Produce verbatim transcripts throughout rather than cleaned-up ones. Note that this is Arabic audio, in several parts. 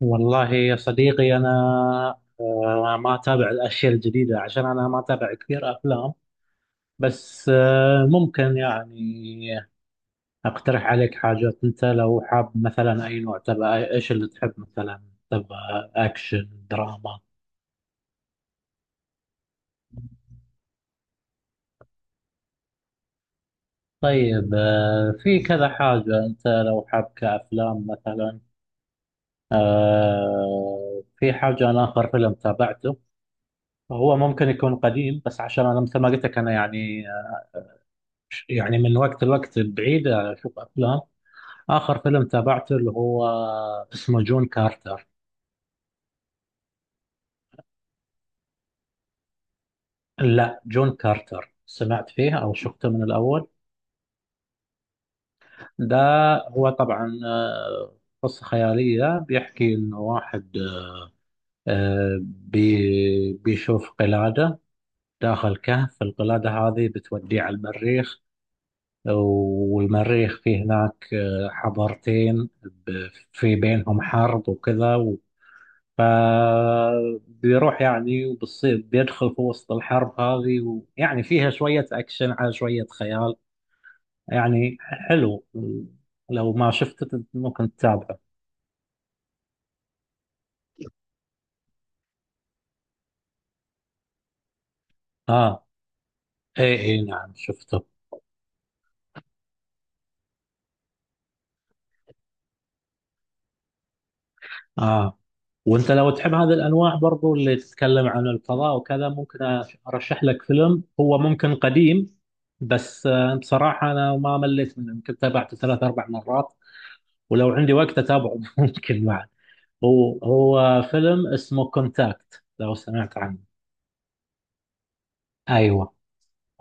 والله يا صديقي أنا آه، ما أتابع الأشياء الجديدة عشان أنا ما أتابع كثير أفلام. بس آه، ممكن يعني أقترح عليك حاجات. أنت لو حاب مثلا أي نوع تبع، إيش اللي تحب مثلا؟ تبع أكشن دراما؟ طيب آه، في كذا حاجة. أنت لو حاب كأفلام مثلا، آه، في حاجة. أنا آخر فيلم تابعته هو ممكن يكون قديم، بس عشان أنا مثل ما قلت لك أنا يعني يعني من وقت لوقت بعيد أشوف أفلام. آخر فيلم تابعته اللي هو اسمه جون كارتر. لا، جون كارتر سمعت فيه أو شفته من الأول. ده هو طبعا آه، قصة خيالية، بيحكي إنه واحد، آه، بي بيشوف قلادة داخل كهف. القلادة هذه بتوديه على المريخ، والمريخ فيه هناك آه، حضارتين ب- في بينهم حرب وكذا. فبيروح يعني وبتصير، بيدخل في وسط الحرب هذه، ويعني فيها شوية أكشن على شوية خيال. يعني حلو، لو ما شفته ممكن تتابعه. آه، إي إي نعم شفته. آه، وأنت لو تحب هذه الأنواع برضو اللي تتكلم عن الفضاء وكذا، ممكن أش- أرشح لك فيلم هو ممكن قديم، بس آه، بصراحة أنا ما مليت منه، يمكن تابعته ثلاث أربع مرات، ولو عندي وقت أتابعه ممكن معك. هو هو فيلم اسمه كونتاكت، لو سمعت عنه. ايوه،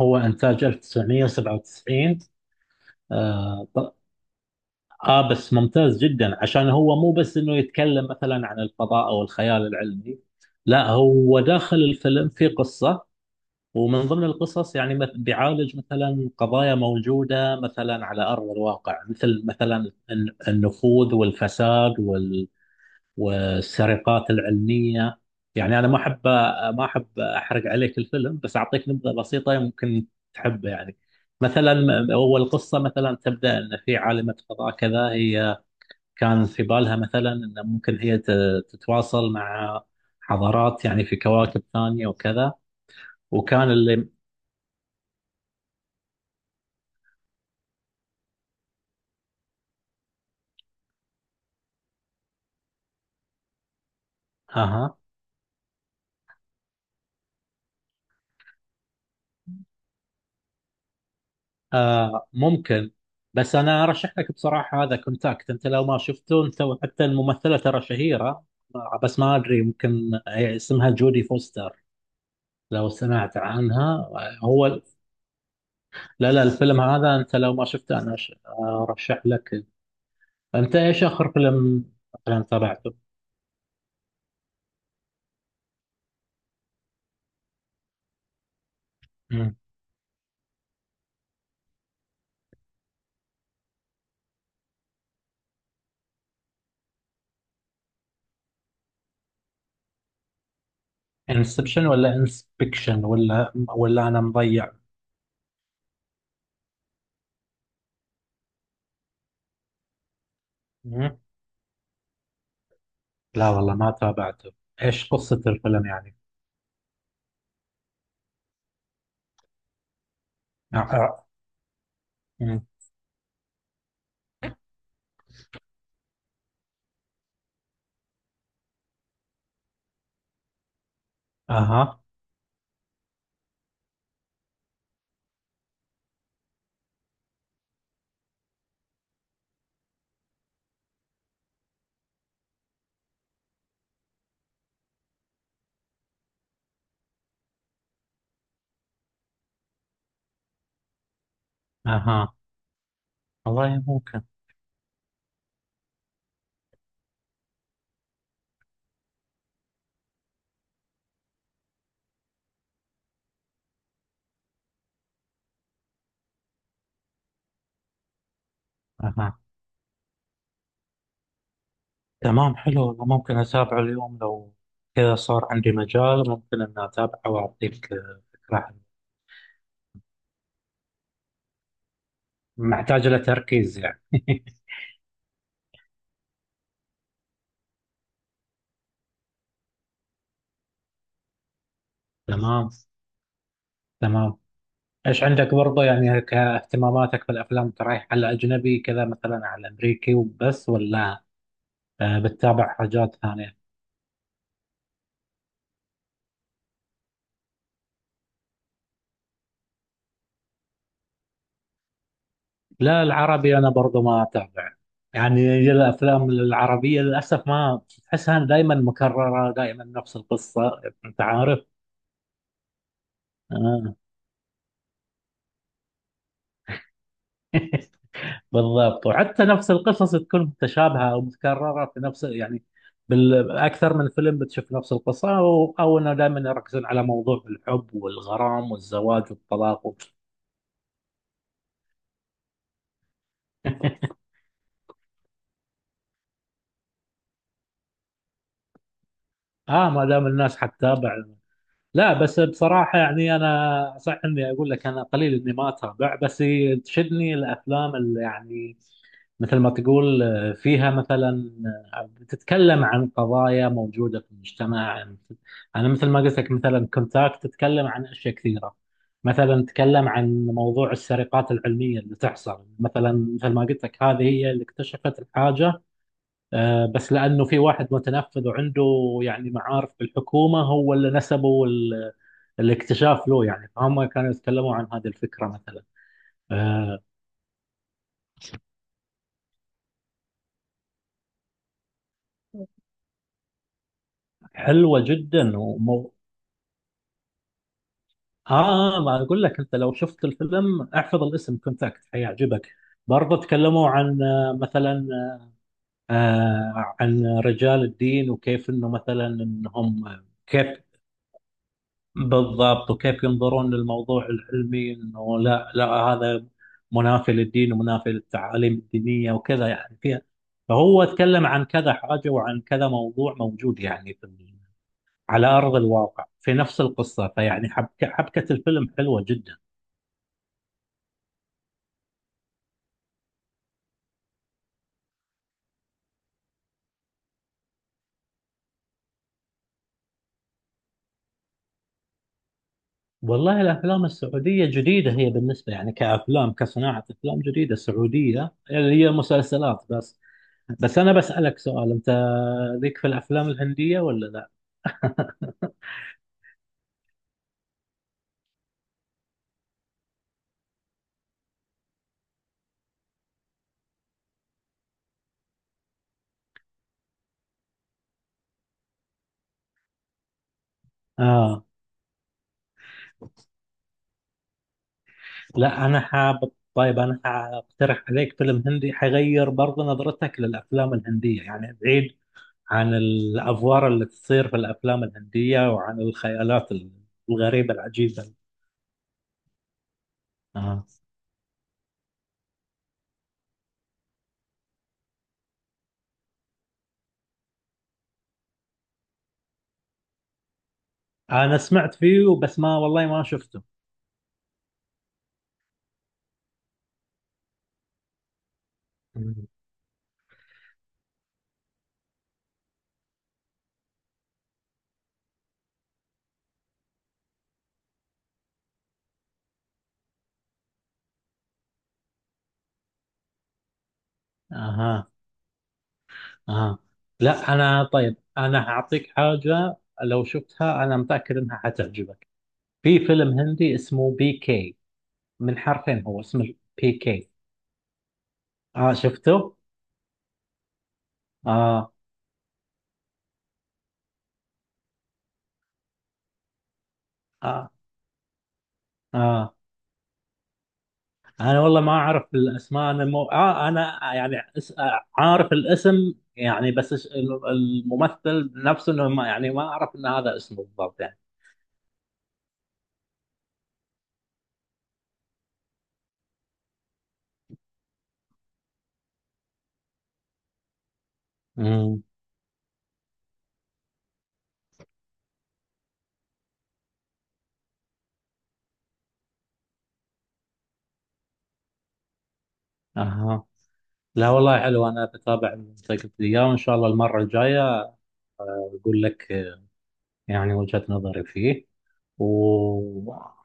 هو انتاج تسعطعش وسبعة وتسعين. آه, ط- اه، بس ممتاز جدا عشان هو مو بس انه يتكلم مثلا عن الفضاء او الخيال العلمي، لا هو داخل الفيلم في قصة. ومن ضمن القصص يعني مث- بيعالج مثلا قضايا موجودة مثلا على أرض الواقع، مثل مثلا الن- النفوذ والفساد والسرقات العلميه. يعني انا ما احب ما احب احرق عليك الفيلم، بس اعطيك نبذه بسيطه ممكن تحبه يعني. مثلا م- اول قصه مثلا، تبدا ان في عالمه فضاء كذا، هي كان في بالها مثلا ان ممكن هي ت- تتواصل مع حضارات يعني في كواكب ثانيه وكذا، وكان اللي... اها. آه، ممكن، بس انا ارشح لك بصراحه هذا كونتاكت. انت لو ما شفته، انت حتى الممثله ترى شهيره، آه، بس ما ادري، ممكن هي اسمها جودي فوستر، لو سمعت عنها. آه، هو، لا لا الفيلم هذا انت لو ما شفته انا أش- آه، ارشح لك. انت ايش اخر فيلم مثلا تابعته؟ انسبشن ولا انسبكشن ولا ولا انا مضيع؟ مم. لا والله ما تابعته. ايش قصه الفيلم يعني؟ آه، آه. مم. اها. اها. والله ممكن. أها، تمام، حلو، والله ممكن أتابعه اليوم لو كذا صار عندي مجال. ممكن أن أتابعه وأعطيك آه، فكرة حلوة. محتاج له تركيز يعني. تمام، تمام. إيش عندك برضه يعني كاهتماماتك في الأفلام؟ أنت رايح على أجنبي كذا مثلا على أمريكي وبس، ولا آه، بتتابع حاجات ثانية؟ لا، العربي أنا برضه ما أتابع. يعني الأفلام العربية للأسف، ما تحسها، دائما مكررة، دائما نفس القصة أنت عارف. آه. بالضبط. وحتى نفس القصص تكون متشابهه او متكرره في نفس يعني، بالاكثر من فيلم بتشوف نفس القصه، او او انه دائما يركزون على موضوع الحب والغرام والزواج والطلاق و... اه، ما دام الناس حتتابع. لا بس بصراحه يعني انا صح اني اقول لك انا قليل اني ما اتابع، بس تشدني الافلام اللي يعني مثل ما تقول آه، فيها مثلا، آه، بتتكلم عن قضايا موجودة في المجتمع. أنا مثل ما قلت لك مثلا كونتاكت، تتكلم عن أشياء كثيرة، مثلا تتكلم عن موضوع السرقات العلمية اللي تحصل مثلا، مثل ما قلت لك هذه هي اللي اكتشفت الحاجة، آه، بس لأنه في واحد متنفذ وعنده يعني معارف بالحكومة، هو اللي نسبوا ال- الاكتشاف له. يعني فهم كانوا يتكلموا عن هذه الفكرة مثلا. آه، حلوة جدا. اه، ما اقول لك انت لو شفت الفيلم احفظ الاسم، كونتاكت، حيعجبك. برضه تكلموا عن آه، مثلا، آه، عن رجال الدين وكيف انه مثلا، انهم كيف... بالضبط، وكيف ينظرون للموضوع العلمي، انه لا لا هذا منافي للدين ومنافي للتعاليم الدينية وكذا. يعني فيها، فهو تكلم عن كذا حاجة وعن كذا موضوع موجود يعني في ال- على أرض الواقع في نفس القصة. فيعني حبكة حبكة الفيلم حلوة جدا. والله الافلام السعوديه جديده هي، بالنسبه يعني كافلام، كصناعه افلام جديده سعوديه، اللي هي مسلسلات بس. بس انا بسالك سؤال، انت ليك في الافلام الهنديه ولا لا؟ اه، لا انا حاب. طيب انا حاقترح عليك فيلم هندي حيغير برضه نظرتك للافلام الهنديه، يعني بعيد عن الافوار اللي تصير في الافلام الهنديه وعن الخيالات الغريبه العجيبه. آه. انا سمعت فيه بس ما، والله ما شفته. مم. اها. آه. لا أنا، طيب أنا هعطيك حاجة لو شفتها أنا متأكد إنها حتعجبك. في فيلم هندي اسمه بي كي، من حرفين هو اسمه، بي كي. آه، شفته؟ آه. آه. آه. أنا والله ما أعرف الأسماء، أنا مو... آه أنا يعني اس... آه، عارف الاسم يعني، بس إيش- ال- الممثل نفسه، إنه ما يعني ما أعرف إن هذا اسمه بالضبط يعني. امم. آه. لا والله حلو، أنا بتابع من ذاك الأيام. إن شاء الله المرة الجاية أقول لك يعني وجهة نظري فيه. وتمام،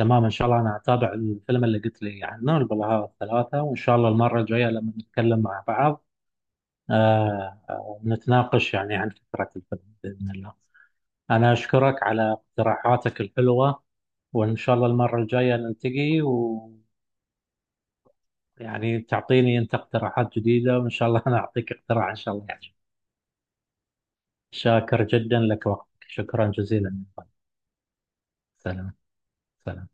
إن شاء الله أنا أتابع الفيلم اللي قلت لي عنه، البلاهات الثلاثة، وإن شاء الله المرة الجاية لما نتكلم مع بعض آه آه، نتناقش يعني عن فكرة الفيلم بإذن الله. أنا أشكرك على اقتراحاتك الحلوة، وإن شاء الله المرة الجاية نلتقي، ويعني تعطيني أنت اقتراحات جديدة، وإن شاء الله أنا أعطيك اقتراح إن شاء الله يعجبك. شاكر جدا لك وقتك، شكرا جزيلا. سلام. سلام.